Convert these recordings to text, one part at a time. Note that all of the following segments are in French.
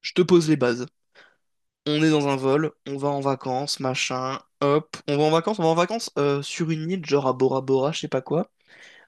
Je te pose les bases. On est dans un vol, on va en vacances, machin, hop. On va en vacances, on va en vacances sur une île, genre à Bora Bora, je sais pas quoi.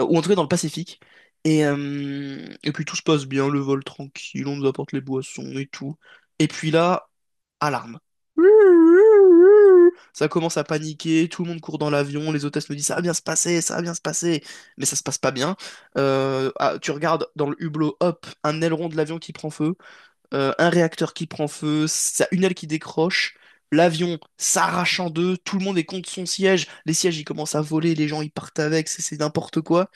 Ou en tout cas dans le Pacifique. Et puis tout se passe bien, le vol tranquille, on nous apporte les boissons et tout. Et puis là, alarme. Ça commence à paniquer, tout le monde court dans l'avion, les hôtesses nous disent ça va bien se passer, ça va bien se passer. Mais ça se passe pas bien. Tu regardes dans le hublot, hop, un aileron de l'avion qui prend feu. Un réacteur qui prend feu, une aile qui décroche, l'avion s'arrache en deux, tout le monde est contre son siège, les sièges ils commencent à voler, les gens ils partent avec, c'est n'importe quoi.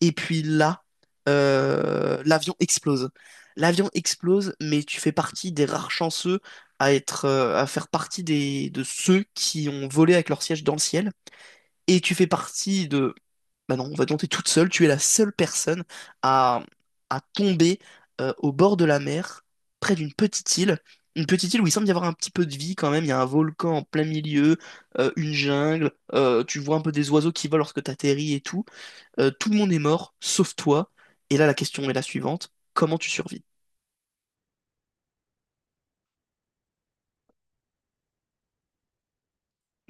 Et puis là, l'avion explose. L'avion explose, mais tu fais partie des rares chanceux à être, à faire partie des, de ceux qui ont volé avec leur siège dans le ciel. Et tu fais partie de bah non, on va tenter toute seule. Tu es la seule personne à, à tomber au bord de la mer, près d'une petite île. Une petite île où il semble y avoir un petit peu de vie quand même. Il y a un volcan en plein milieu, une jungle. Tu vois un peu des oiseaux qui volent lorsque t'atterris et tout. Tout le monde est mort, sauf toi. Et là, la question est la suivante. Comment tu survis?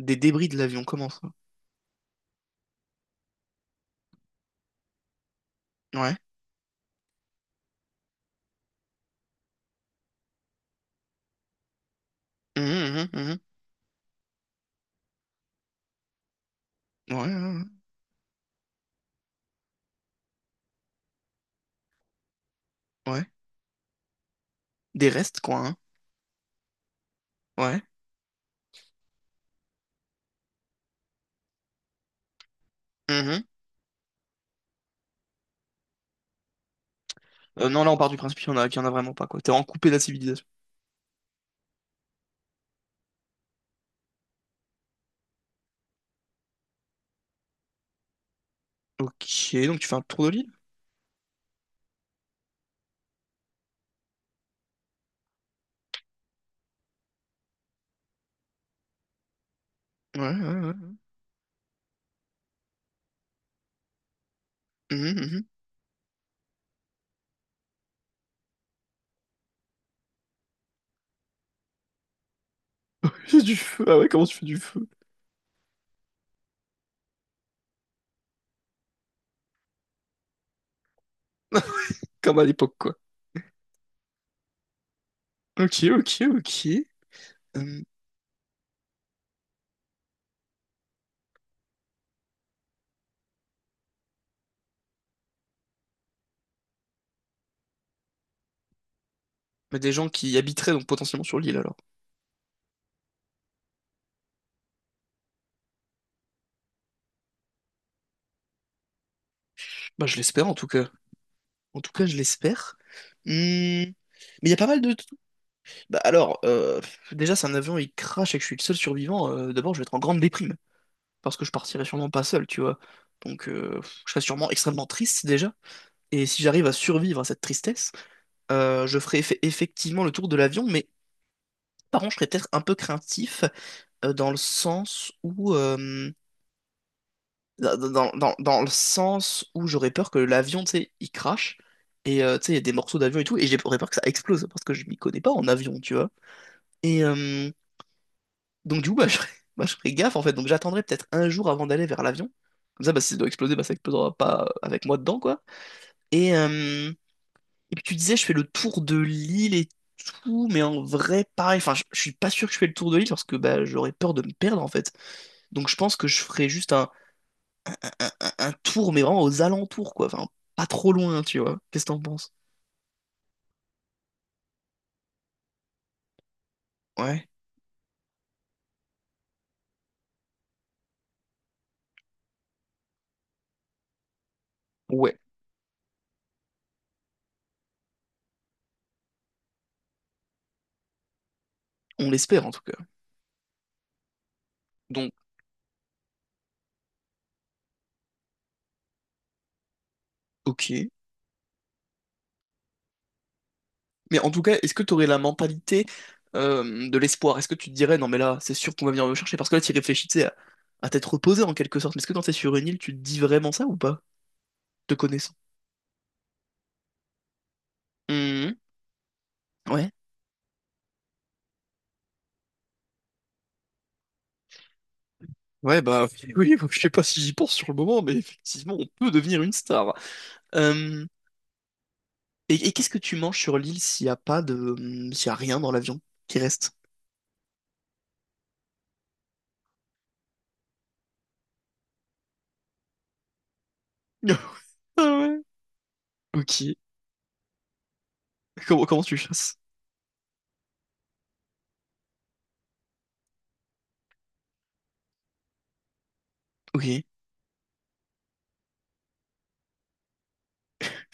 Des débris de l'avion, comment ça? Ouais. Mhm, mhm, mhm. Ouais, ouais, ouais. Ouais. Des restes, quoi, hein. Ouais. Mhm. Non, là, on part du principe qu'il y en a, qu'il y en a vraiment pas, quoi. T'es en coupé de la civilisation. Ok, donc tu fais un tour de l'île? Ouais, ouais, ouais. Mhm, mhm. J'ai du feu. Ah ouais, comment tu fais du feu? Comme à l'époque, quoi. Ok, ok, ok. Hum, mais des gens qui habiteraient donc potentiellement sur l'île alors. Bah je l'espère en tout cas. En tout cas, je l'espère. Mais il y a pas mal de... Bah alors, déjà si un avion il crache et que je suis le seul survivant, d'abord je vais être en grande déprime. Parce que je partirai sûrement pas seul, tu vois. Donc je serai sûrement extrêmement triste déjà. Et si j'arrive à survivre à cette tristesse, je ferai effectivement le tour de l'avion, mais par contre, je serais peut-être un peu craintif dans le sens où, dans le sens où j'aurais peur que l'avion, tu sais, il crache et tu sais, il y a des morceaux d'avion et tout, et j'aurais peur que ça explose parce que je m'y connais pas en avion, tu vois. Et euh, donc du coup, bah, je ferais, bah, je ferais gaffe en fait. Donc j'attendrai peut-être un jour avant d'aller vers l'avion. Comme ça, bah, si ça doit exploser, bah, ça explosera pas avec moi dedans, quoi. Et, euh, Et puis tu disais, je fais le tour de l'île et tout, mais en vrai, pareil. Enfin, je suis pas sûr que je fais le tour de l'île parce que bah, j'aurais peur de me perdre en fait. Donc je pense que je ferais juste un, un tour, mais vraiment aux alentours, quoi. Enfin, pas trop loin, tu vois. Qu'est-ce que t'en penses? Ouais. Ouais. On l'espère en tout cas. Donc, ok. Mais en tout cas, est-ce que t'aurais la mentalité de l'espoir? Est-ce que tu te dirais, non mais là, c'est sûr qu'on va venir me chercher? Parce que là, tu réfléchis, tu sais, à t'être reposé en quelque sorte. Mais est-ce que quand t'es sur une île, tu te dis vraiment ça ou pas? Te connaissant. Mhm. Ouais. Ouais, bah oui, oui, je sais pas si j'y pense sur le moment, mais effectivement, on peut devenir une star. Euh, et qu'est-ce que tu manges sur l'île s'il y a pas de, s'il y a rien dans l'avion qui reste? Ah ouais. Ok. Comment, comment tu chasses? Ok.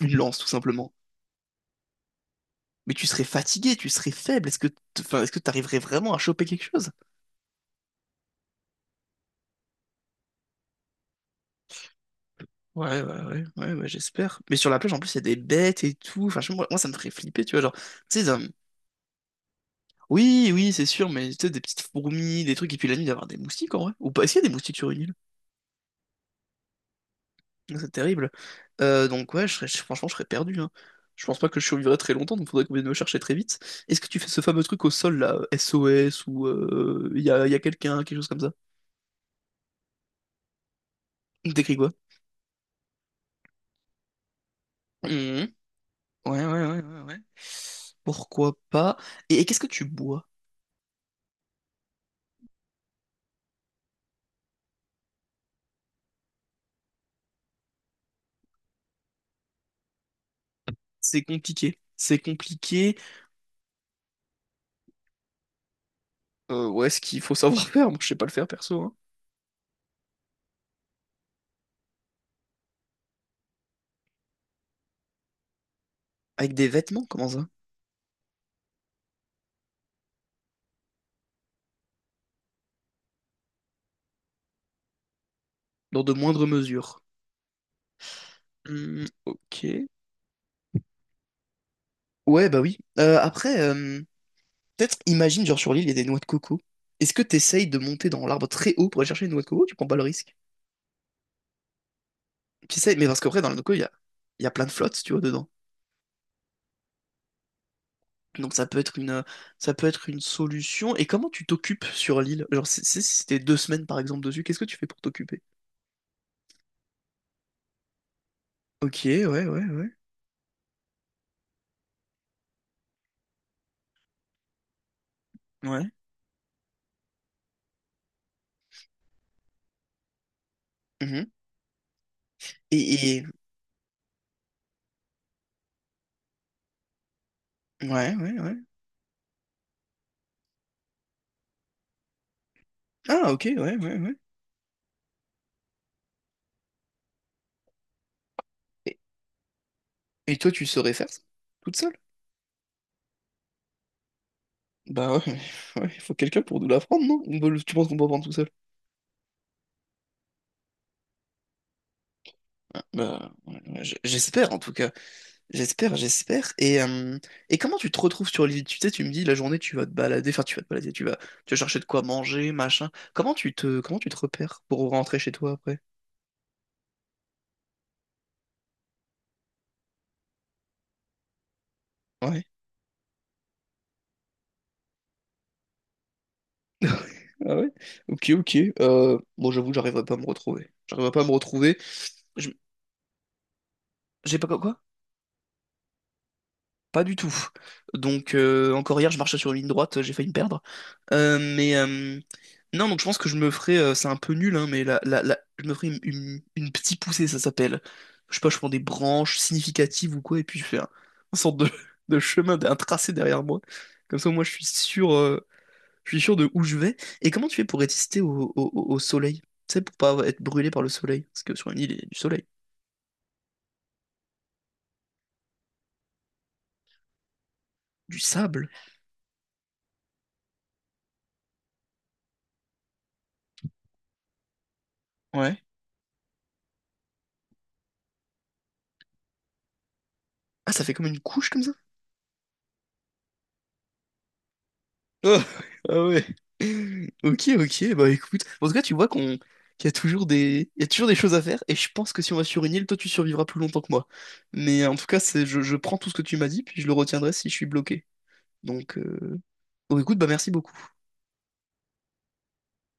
Une lance, tout simplement. Mais tu serais fatigué, tu serais faible. Est-ce que, enfin, est-ce que t'arriverais vraiment à choper quelque chose? Ouais, ouais, ouais, ouais, ouais, j'espère. Mais sur la plage, en plus, il y a des bêtes et tout. Enfin, moi, moi, ça me ferait flipper, tu vois. Genre, tu sais, un- Oui, oui, c'est sûr, mais tu sais, des petites fourmis, des trucs, et puis la nuit, d'avoir des moustiques en vrai. Ou pas, est-ce qu'il y a des moustiques sur une île? C'est terrible. Donc, ouais, franchement, je serais perdu, hein. Je pense pas que je survivrais très longtemps, donc faudrait qu'on vienne me chercher très vite. Est-ce que tu fais ce fameux truc au sol, là, SOS, ou y a, y a quelqu'un, quelque chose comme ça? T'écris quoi? Mhm. Ouais, ouais, ouais, ouais, ouais. Pourquoi pas? Et qu'est-ce que tu bois? C'est compliqué. C'est compliqué. Ouais, ce qu'il faut savoir faire, moi, je sais pas le faire perso, hein. Avec des vêtements, comment ça? Dans de moindres mesures. Hmm, ok. Ouais, bah oui. Après, peut-être imagine, genre sur l'île, il y a des noix de coco. Est-ce que t'essayes de monter dans l'arbre très haut pour aller chercher une noix de coco? Tu prends pas le risque. T'essayes, mais parce qu'après, dans la noix de coco, il y a plein de flottes, tu vois, dedans. Donc ça peut être ça peut être une solution. Et comment tu t'occupes sur l'île? Genre, si c'était deux semaines, par exemple, dessus, qu'est-ce que tu fais pour t'occuper? Ok, ouais, ouais, ouais. Ouais. Mhm. Et- Ouais, ouais, ouais. Ah, ok, ouais, ouais, ouais. Et, et toi, tu saurais faire ça? Toute seule? Bah ouais, mais- ouais, il faut quelqu'un pour nous l'apprendre, non? On peut le- tu penses qu'on peut apprendre tout seul? Ah, bah, ouais, ouais, j'espère en tout cas. J'espère, j'espère. Et comment tu te retrouves sur l'île? Tu sais, tu me dis la journée tu vas te balader, enfin tu vas te balader, tu vas chercher de quoi manger, machin. Comment comment tu te repères pour rentrer chez toi après? Ouais. Ah ouais? Ok, ok. Bon, j'avoue, j'arriverai pas à me retrouver. J'arriverai pas à me retrouver. Je- J'ai pas quoi? Pas du tout. Donc, encore hier, je marchais sur une ligne droite, j'ai failli me perdre. Mais non, donc je pense que je me ferai, c'est un peu nul, hein, mais je me ferai une, une petite poussée, ça s'appelle. Je sais pas, je prends des branches significatives ou quoi, et puis je fais un, une sorte de, de chemin, un tracé derrière moi. Comme ça, moi, je suis sûr de où je vais. Et comment tu fais pour résister au soleil? Tu sais, pour pas être brûlé par le soleil. Parce que sur une île, il y a du soleil, du sable. Ouais. Ah, ça fait comme une couche comme ça? Ah ah ouais. Ok, ok, bah écoute. En tout cas, tu vois qu'il y a toujours des... il y a toujours des choses à faire, et je pense que si on va sur une île, toi tu survivras plus longtemps que moi. Mais en tout cas, c'est je prends tout ce que tu m'as dit, puis je le retiendrai si je suis bloqué. Donc, euh, donc écoute, bah merci beaucoup.